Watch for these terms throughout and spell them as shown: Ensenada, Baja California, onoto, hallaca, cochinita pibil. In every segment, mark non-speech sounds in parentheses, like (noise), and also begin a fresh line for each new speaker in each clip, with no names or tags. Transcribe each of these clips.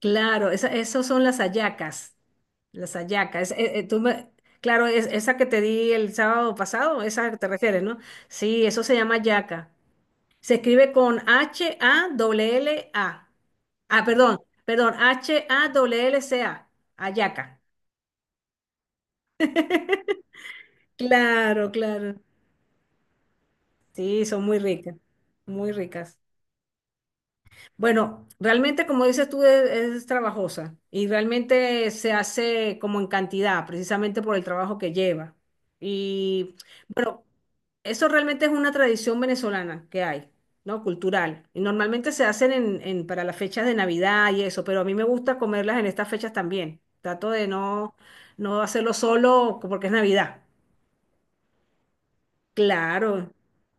Claro, esas son las hallacas, las hallacas. Claro, esa que te di el sábado pasado, esa te refieres, ¿no? Sí, eso se llama hallaca. Se escribe con H-A-L-L-A. Ah, perdón, perdón, H-A-L-L-C-A, hallaca. Claro, claro. Sí, son muy ricas, muy ricas. Bueno, realmente como dices tú es trabajosa y realmente se hace como en cantidad, precisamente por el trabajo que lleva. Y bueno, eso realmente es una tradición venezolana que hay, ¿no? Cultural. Y normalmente se hacen para las fechas de Navidad y eso, pero a mí me gusta comerlas en estas fechas también. Trato de no hacerlo solo porque es Navidad. Claro,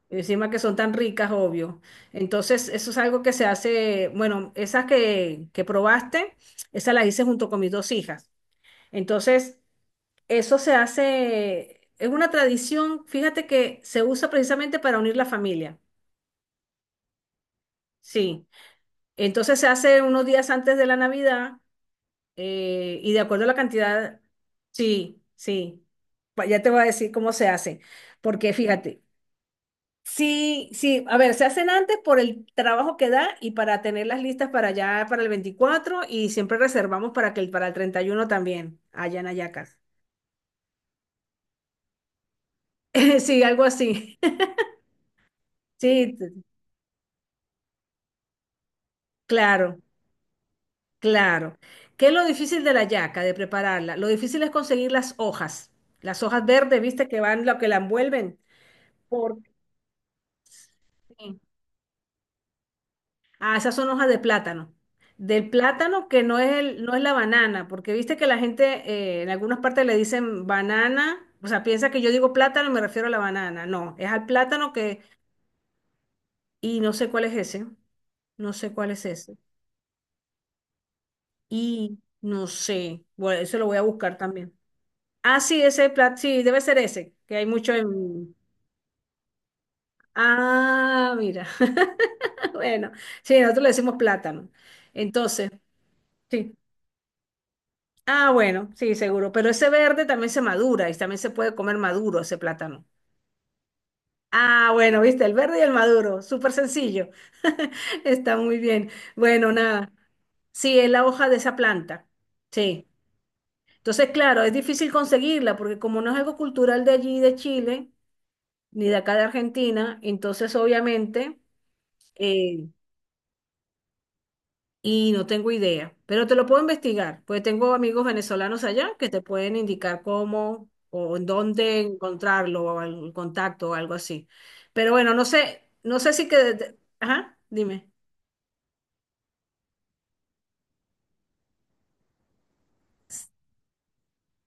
encima que son tan ricas, obvio. Entonces, eso es algo que se hace, bueno, esas que probaste, esas las hice junto con mis dos hijas. Entonces, eso se hace, es una tradición, fíjate que se usa precisamente para unir la familia. Sí, entonces se hace unos días antes de la Navidad y de acuerdo a la cantidad, sí, sí, ya te voy a decir cómo se hace, porque fíjate, sí, sí, a ver, se hacen antes por el trabajo que da y para tener las listas para allá para el 24 y siempre reservamos para el 31 también, allá en Ayacas. (laughs) Sí, algo así. (laughs) Sí, claro, claro. ¿Qué es lo difícil de la yaca, de prepararla? Lo difícil es conseguir las hojas verdes, ¿viste? Que van lo que la envuelven. ¿Por qué? Ah, esas son hojas de plátano. Del plátano que no es la banana, porque viste que la gente en algunas partes le dicen banana, o sea, piensa que yo digo plátano y me refiero a la banana. No, es al plátano que, y no sé cuál es ese, no sé cuál es ese. Y no sé, bueno, eso lo voy a buscar también. Ah, sí, ese plátano, sí, debe ser ese, que hay mucho en... Ah, mira. (laughs) Bueno, sí, nosotros le decimos plátano. Entonces, sí. Ah, bueno, sí, seguro. Pero ese verde también se madura y también se puede comer maduro ese plátano. Ah, bueno, viste, el verde y el maduro, súper sencillo. (laughs) Está muy bien. Bueno, nada. Sí, es la hoja de esa planta. Sí. Entonces, claro, es difícil conseguirla porque como no es algo cultural de allí, de Chile, ni de acá de Argentina, entonces obviamente, eh, y no tengo idea, pero te lo puedo investigar, pues tengo amigos venezolanos allá que te pueden indicar cómo o en dónde encontrarlo o el contacto o algo así. Pero bueno, no sé si que, ajá, dime.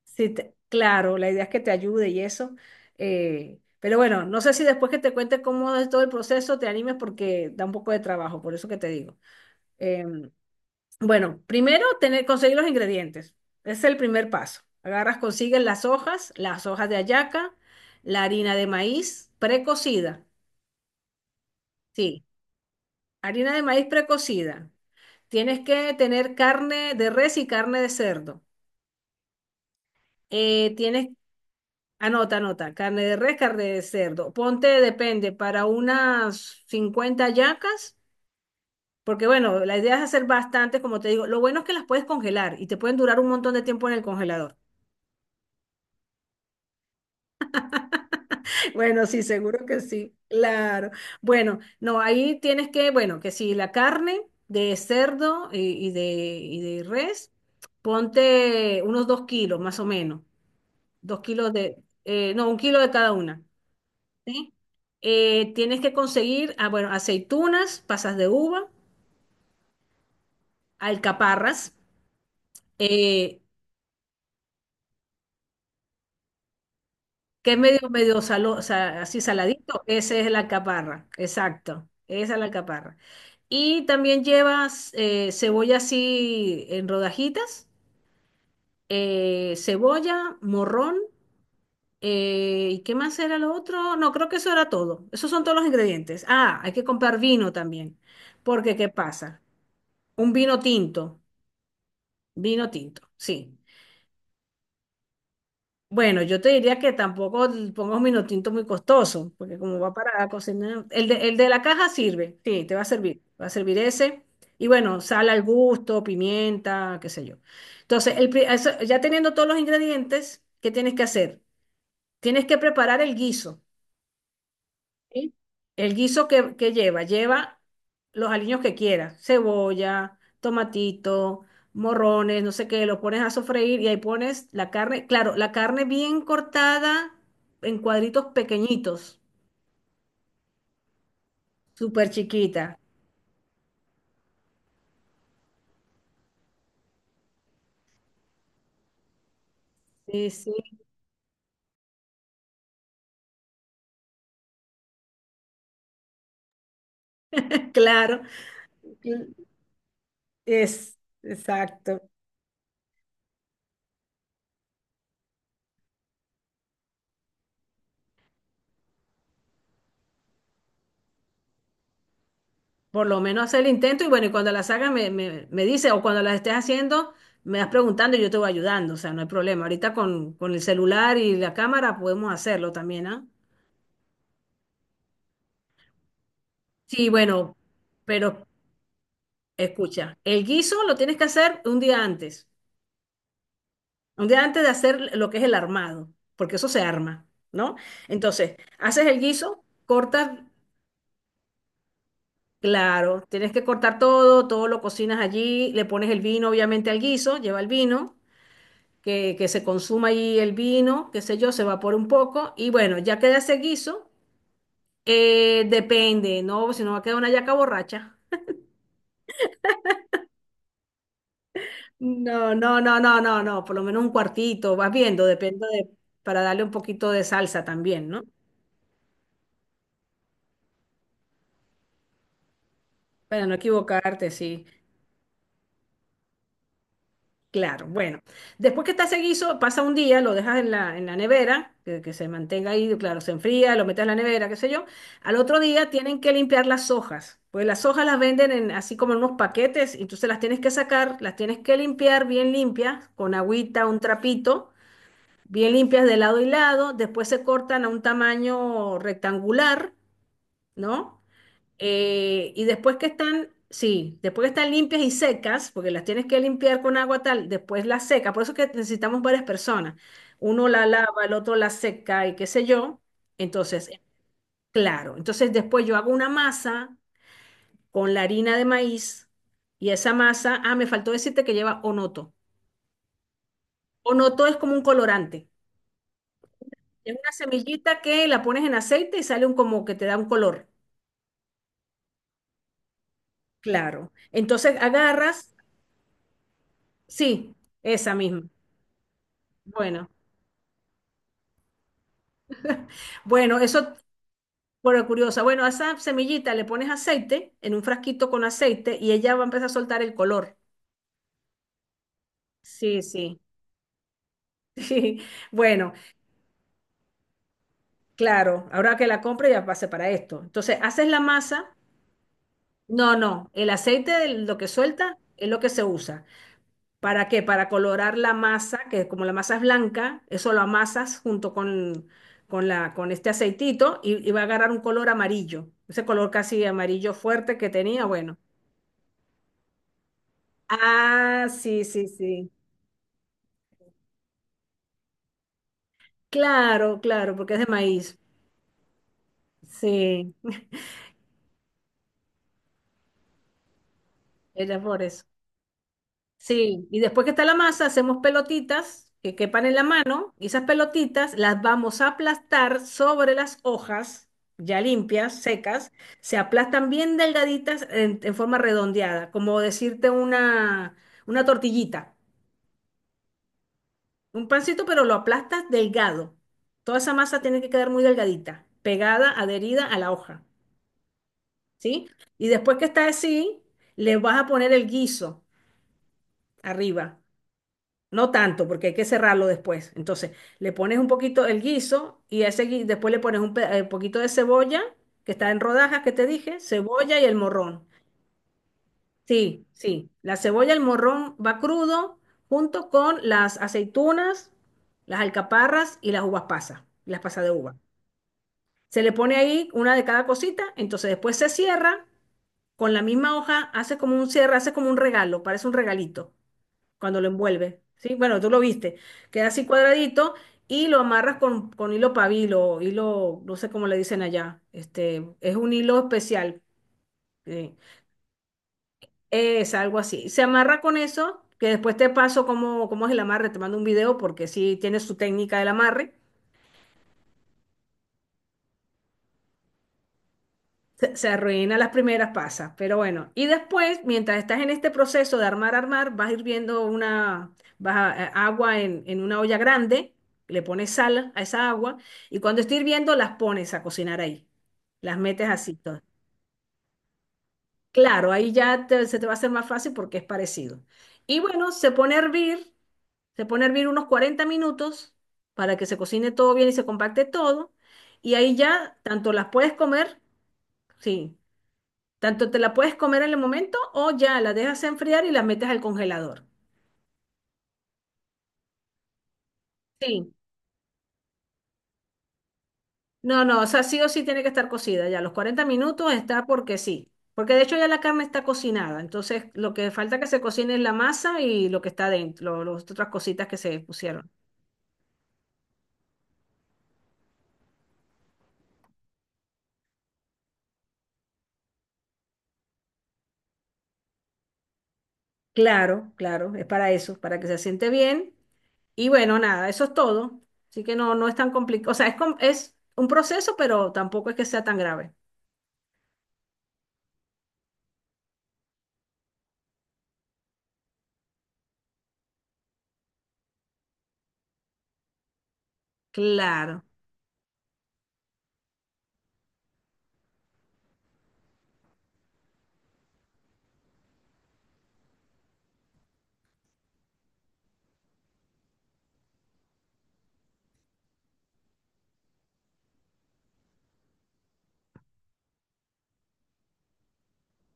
Sí, claro, la idea es que te ayude y eso. Pero bueno, no sé si después que te cuente cómo es todo el proceso te animes porque da un poco de trabajo, por eso que te digo. Bueno, primero conseguir los ingredientes. Ese es el primer paso. Agarras, consigues las hojas de hallaca, la harina de maíz precocida. Sí, harina de maíz precocida. Tienes que tener carne de res y carne de cerdo. Eh, tienes, anota, anota, carne de res, carne de cerdo. Ponte, depende, para unas 50 hallacas, porque bueno, la idea es hacer bastantes, como te digo. Lo bueno es que las puedes congelar y te pueden durar un montón de tiempo en el congelador. Bueno, sí, seguro que sí, claro. Bueno, no, ahí tienes que, bueno, que si la carne de cerdo y de res, ponte unos 2 kilos más o menos, 2 kilos de, no, 1 kilo de cada una, ¿sí? Tienes que conseguir, ah, bueno, aceitunas, pasas de uva, alcaparras, eh, que es medio, medio así saladito, esa es la alcaparra, exacto, esa es la alcaparra. Y también llevas cebolla así en rodajitas, cebolla, morrón, ¿y qué más era lo otro? No, creo que eso era todo. Esos son todos los ingredientes. Ah, hay que comprar vino también, porque ¿qué pasa? Un vino tinto, sí. Bueno, yo te diría que tampoco pongas un minotinto muy costoso, porque como va para la cocina, el de la caja sirve, sí, te va a servir ese. Y bueno, sal al gusto, pimienta, qué sé yo. Entonces, ya teniendo todos los ingredientes, ¿qué tienes que hacer? Tienes que preparar el guiso. ¿Sí? El guiso que lleva, lleva los aliños que quieras, cebolla, tomatito, morrones, no sé qué, lo pones a sofreír y ahí pones la carne, claro, la carne bien cortada en cuadritos pequeñitos, súper chiquita. Sí, sí, (laughs) claro. Exacto. Por lo menos hacer el intento y bueno, y cuando las hagas me dice o cuando las estés haciendo, me vas preguntando y yo te voy ayudando, o sea, no hay problema. Ahorita con el celular y la cámara podemos hacerlo también, ¿ah? Sí, bueno, pero escucha, el guiso lo tienes que hacer un día antes de hacer lo que es el armado, porque eso se arma, ¿no? Entonces, haces el guiso, cortas, claro, tienes que cortar todo, todo lo cocinas allí, le pones el vino obviamente al guiso, lleva el vino, que se consuma ahí el vino, qué sé yo, se evapora un poco y bueno, ya queda ese guiso. Depende, ¿no? Si no va a quedar una yaca borracha. No, no, no, no, no, no, por lo menos un cuartito, vas viendo, depende de, para darle un poquito de salsa también, ¿no? Para no equivocarte, sí. Claro, bueno. Después que está ese guiso, pasa un día, lo dejas en la, nevera, que se mantenga ahí, claro, se enfría, lo metes en la nevera, qué sé yo. Al otro día tienen que limpiar las hojas, pues las hojas las venden así como en unos paquetes, y entonces las tienes que sacar, las tienes que limpiar bien limpias, con agüita, un trapito, bien limpias de lado y lado, después se cortan a un tamaño rectangular, ¿no? Y después que están, sí, después que están limpias y secas, porque las tienes que limpiar con agua tal, después las secas. Por eso es que necesitamos varias personas. Uno la lava, el otro la seca y qué sé yo. Entonces, claro. Entonces después yo hago una masa con la harina de maíz y esa masa, ah, me faltó decirte que lleva onoto. Onoto es como un colorante. Es una semillita que la pones en aceite y sale un como que te da un color. Claro. Entonces agarras, sí, esa misma. Bueno. Bueno, eso, bueno, curiosa. Bueno, a esa semillita le pones aceite en un frasquito con aceite y ella va a empezar a soltar el color. Sí, sí. (laughs) Sí. Bueno, claro, ahora que la compre ya pase para esto. Entonces, haces la masa. No, no, el aceite, de lo que suelta, es lo que se usa. ¿Para qué? Para colorar la masa, que como la masa es blanca, eso lo amasas junto con, con este aceitito y va a agarrar un color amarillo. Ese color casi amarillo fuerte que tenía, bueno. Ah, sí, sí, sí. Claro, claro, porque es de maíz. Sí, era por eso. Sí, y después que está la masa, hacemos pelotitas que quepan en la mano y esas pelotitas las vamos a aplastar sobre las hojas ya limpias, secas. Se aplastan bien delgaditas en forma redondeada, como decirte una tortillita, un pancito, pero lo aplastas delgado. Toda esa masa tiene que quedar muy delgadita, pegada, adherida a la hoja. ¿Sí? Y después que está así, le vas a poner el guiso arriba. No tanto, porque hay que cerrarlo después. Entonces, le pones un poquito el guiso y a ese después le pones un poquito de cebolla, que está en rodajas, que te dije, cebolla y el morrón. Sí, sí, la cebolla, el morrón va crudo junto con las aceitunas, las alcaparras y las uvas pasas, las pasas de uva. Se le pone ahí una de cada cosita, entonces después se cierra con la misma hoja hace como un cierre, hace como un regalo, parece un regalito cuando lo envuelve, ¿sí? Bueno, tú lo viste, queda así cuadradito y lo amarras con hilo pabilo, hilo, no sé cómo le dicen allá, este, es un hilo especial, eh, es algo así. Se amarra con eso, que después te paso cómo es el amarre, te mando un video porque sí tiene su técnica del amarre. Se arruina las primeras pasas, pero bueno. Y después, mientras estás en este proceso de armar, armar, vas hirviendo una, agua en una olla grande, le pones sal a esa agua y cuando esté hirviendo las pones a cocinar ahí. Las metes así, todo. Claro, ahí ya se te va a hacer más fácil porque es parecido. Y bueno, se pone a hervir unos 40 minutos para que se cocine todo bien y se compacte todo. Y ahí ya tanto las puedes comer. Sí, tanto te la puedes comer en el momento o ya la dejas enfriar y la metes al congelador. Sí. No, no, o sea, sí o sí tiene que estar cocida ya. Los 40 minutos está porque sí. Porque de hecho ya la carne está cocinada. Entonces, lo que falta que se cocine es la masa y lo que está dentro, las otras cositas que se pusieron. Claro, claro, es para eso, para que se siente bien. Y bueno, nada, eso es todo. Así que no, no es tan complicado. O sea, es un proceso, pero tampoco es que sea tan grave. Claro,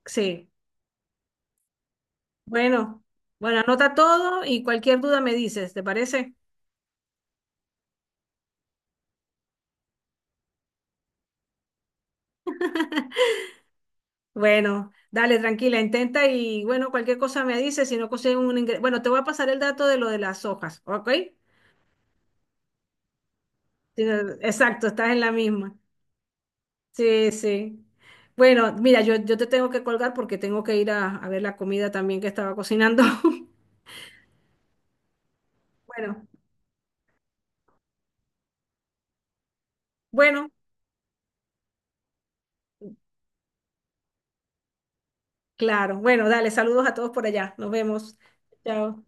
sí. Bueno, bueno, anota todo y cualquier duda me dices, ¿te parece? Bueno, dale, tranquila, intenta y bueno, cualquier cosa me dices, si no consigues un ingreso. Bueno, te voy a pasar el dato de lo de las hojas, ¿ok? Sí, no, exacto, estás en la misma. Sí, sí. Bueno, mira, yo te tengo que colgar porque tengo que ir a ver la comida también que estaba cocinando. (laughs) Bueno, bueno, claro. Bueno, dale, saludos a todos por allá. Nos vemos. Chao.